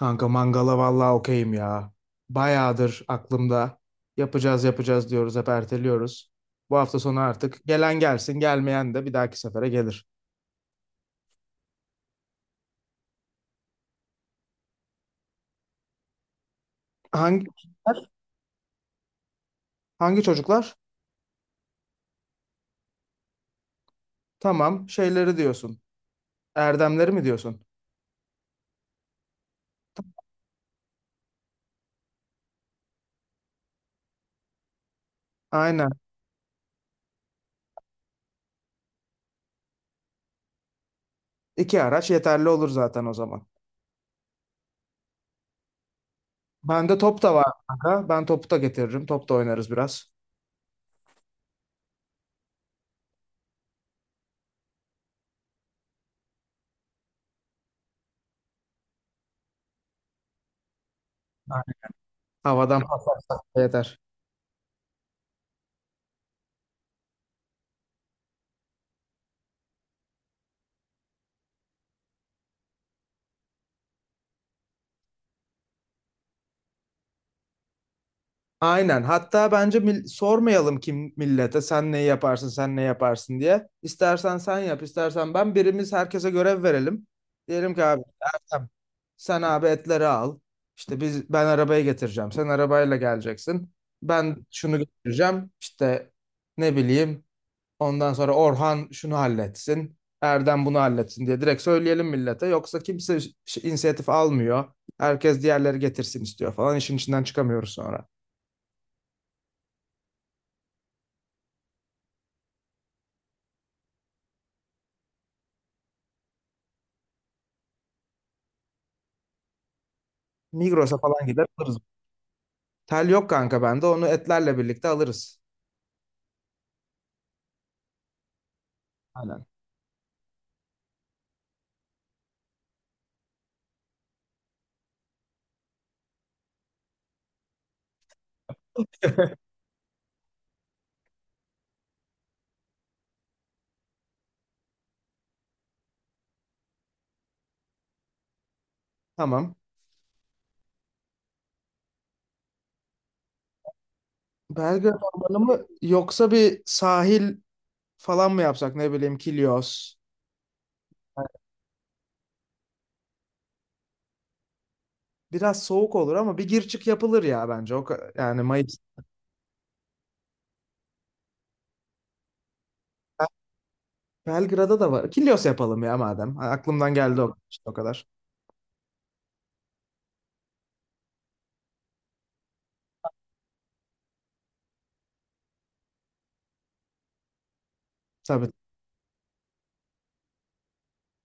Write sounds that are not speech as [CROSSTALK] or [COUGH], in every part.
Kanka mangala vallahi okeyim ya. Bayağıdır aklımda. Yapacağız diyoruz, hep erteliyoruz. Bu hafta sonu artık gelen gelsin, gelmeyen de bir dahaki sefere gelir. Hangi çocuklar? Hangi çocuklar? Tamam, şeyleri diyorsun. Erdemleri mi diyorsun? Aynen. İki araç yeterli olur zaten o zaman. Bende top da var kanka. Ben topu da getiririm. Top da oynarız biraz. Havadan pas da yeter. Aynen. Hatta bence sormayalım kim millete, sen ne yaparsın sen ne yaparsın diye. İstersen sen yap, istersen ben, birimiz herkese görev verelim. Diyelim ki abi Ertem, sen abi etleri al. İşte ben arabayı getireceğim. Sen arabayla geleceksin. Ben şunu getireceğim. İşte ne bileyim. Ondan sonra Orhan şunu halletsin, Erdem bunu halletsin diye direkt söyleyelim millete. Yoksa kimse inisiyatif almıyor. Herkes diğerleri getirsin istiyor falan. İşin içinden çıkamıyoruz sonra. Migros'a falan gider alırız. Tel yok kanka bende. Onu etlerle birlikte alırız. Aynen. [LAUGHS] Tamam. Belgrad Ormanı mı, yoksa bir sahil falan mı yapsak, ne bileyim, Kilyos. Yani biraz soğuk olur ama bir gir çık yapılır ya bence. Yani Mayıs. Belgrad'a da var. Kilyos yapalım ya madem. Ha, aklımdan geldi o, işte o kadar. Tabii.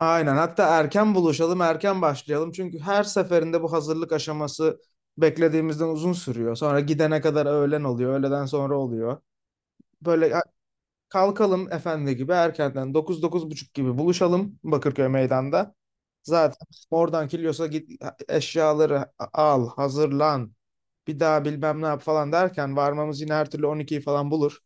Aynen. Hatta erken buluşalım, erken başlayalım. Çünkü her seferinde bu hazırlık aşaması beklediğimizden uzun sürüyor. Sonra gidene kadar öğlen oluyor, öğleden sonra oluyor. Böyle ya- Kalkalım efendi gibi erkenden dokuz buçuk gibi buluşalım Bakırköy meydanda. Zaten oradan Kilyos'a git, eşyaları al, hazırlan. Bir daha bilmem ne yap falan derken varmamız yine her türlü on ikiyi falan bulur.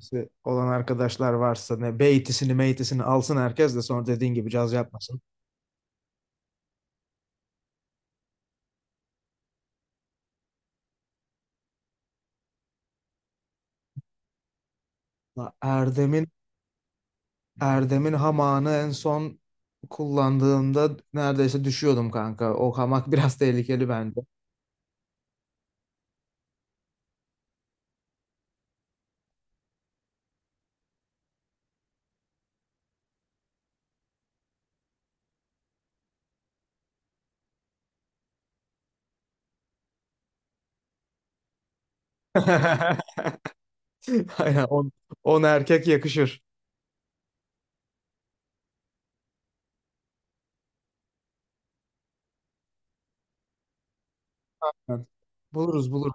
İşte olan arkadaşlar varsa ne beytisini meytisini alsın herkes, de sonra dediğin gibi caz yapmasın. La Erdem'in Erdem'in hamağını en son kullandığımda neredeyse düşüyordum kanka. O hamak [LAUGHS] biraz tehlikeli bence. [LAUGHS] Aynen on erkek yakışır. Buluruz buluruz.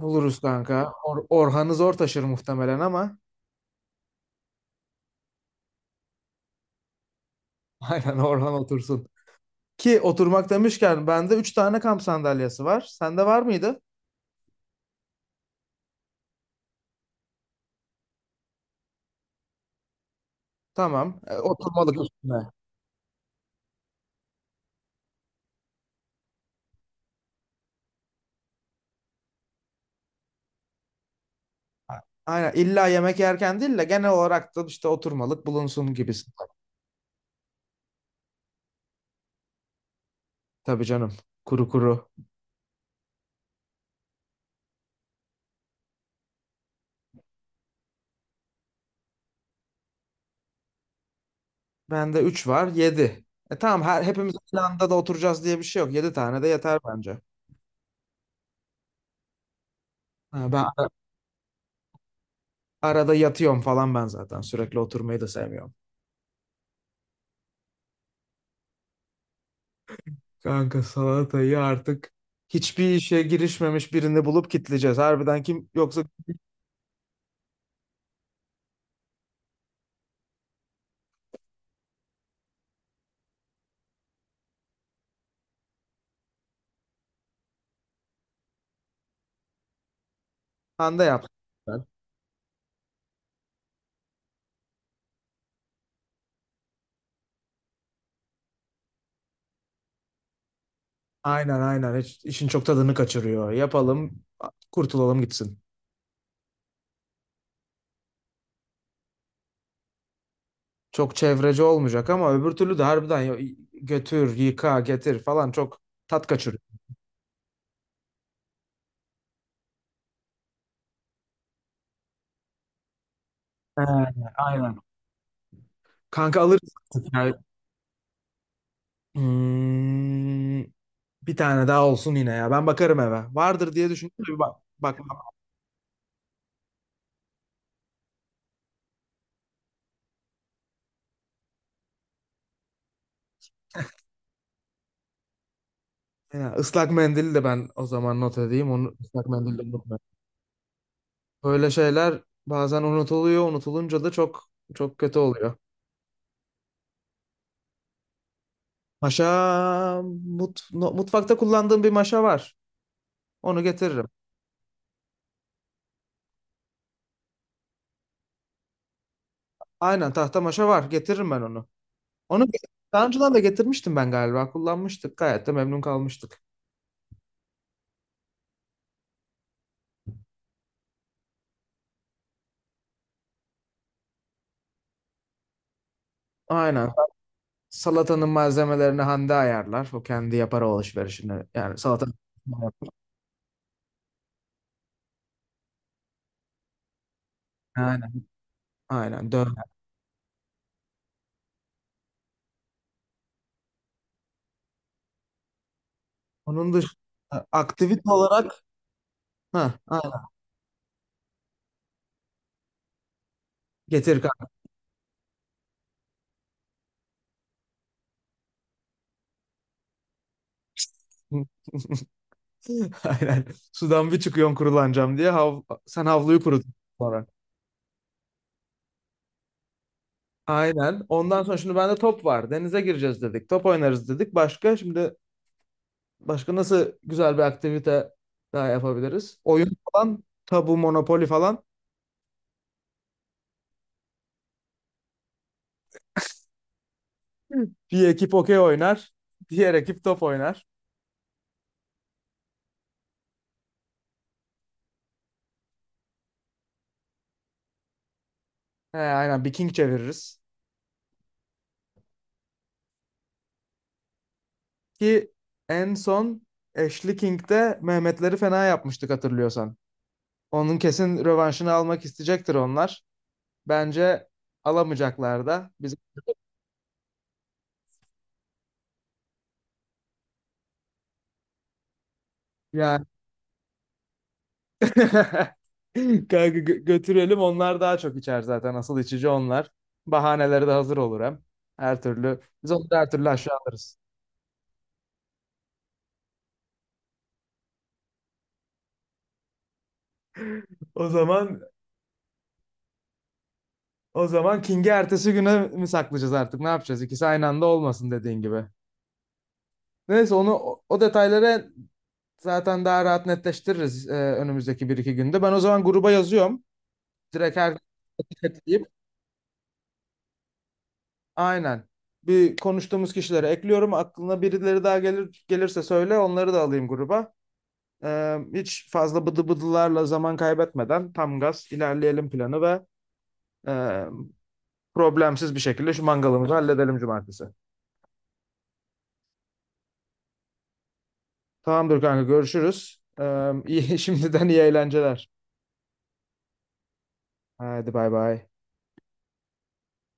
Buluruz kanka. Orhan'ı zor taşır muhtemelen ama. [LAUGHS] Aynen, Orhan otursun. Ki oturmak demişken bende 3 tane kamp sandalyesi var. Sende var mıydı? Tamam. E, oturmalık üstüne. A- Aynen. İlla yemek yerken değil de genel olarak da işte oturmalık bulunsun gibisin. Tabii canım. Kuru kuru. Bende 3 var. Yedi. Tamam, hepimiz aynı anda da oturacağız diye bir şey yok. Yedi tane de yeter bence. Ha, ben ara- Arada yatıyorum falan ben zaten. Sürekli oturmayı da sevmiyorum. Kanka salatayı artık hiçbir işe girişmemiş birini bulup kitleyeceğiz. Harbiden kim yoksa anda yap. Aynen aynen. Hiç, işin çok tadını kaçırıyor. Yapalım, kurtulalım gitsin. Çok çevreci olmayacak ama öbür türlü de harbiden, götür, yıka, getir falan, çok tat kaçırıyor. Ee, aynen. Kanka alırız. Hmm, Bir tane daha olsun yine ya. Ben bakarım eve. Vardır diye düşündüm, de bir bak. Bak, bak. Ya, ıslak mendili de ben o zaman not edeyim. Onu, ıslak mendili de unutmayayım. Böyle şeyler bazen unutuluyor. Unutulunca da çok kötü oluyor. Maşa mut, no- Mutfakta kullandığım bir maşa var. Onu getiririm. Aynen, tahta maşa var. Getiririm ben onu. Onu daha önceden de getirmiştim ben galiba. Kullanmıştık. Gayet de memnun kalmıştık. Aynen. Salatanın malzemelerini Hande ayarlar. O kendi yapar o alışverişini. Yani salata. Aynen. Aynen. Döner. Onun dışında aktivite olarak ha, aynen. Getir kanka. [LAUGHS] Aynen. Sudan bir çıkıyorsun kurulanacağım diye. Sen havluyu kurutun sonra. Aynen. Ondan sonra şimdi bende top var. Denize gireceğiz dedik. Top oynarız dedik. Başka nasıl güzel bir aktivite daha yapabiliriz? Oyun falan, tabu, monopoli falan. Bir ekip okey oynar, diğer ekip top oynar. He, aynen, bir king çeviririz. Ki en son Ashley King'de Mehmetleri fena yapmıştık hatırlıyorsan. Onun kesin rövanşını almak isteyecektir onlar. Bence alamayacaklar da. Biz yani [LAUGHS] kanka, götürelim, onlar daha çok içer zaten. Asıl içici onlar. Bahaneleri de hazır olur hem. Her türlü biz onu da her türlü aşağı alırız. O zaman O zaman King'i ertesi güne mi saklayacağız artık? Ne yapacağız? İkisi aynı anda olmasın dediğin gibi. Neyse, o detayları zaten daha rahat netleştiririz önümüzdeki bir iki günde. Ben o zaman gruba yazıyorum. Direkt her ekleyip Aynen. Bir konuştuğumuz kişileri ekliyorum. Aklına birileri daha gelirse söyle, onları da alayım gruba. Hiç fazla bıdı bıdılarla zaman kaybetmeden tam gaz ilerleyelim planı ve e, problemsiz bir şekilde şu mangalımızı halledelim cumartesi. Tamamdır kanka, görüşürüz. İyi, [LAUGHS] şimdiden iyi eğlenceler. Hadi bay bay.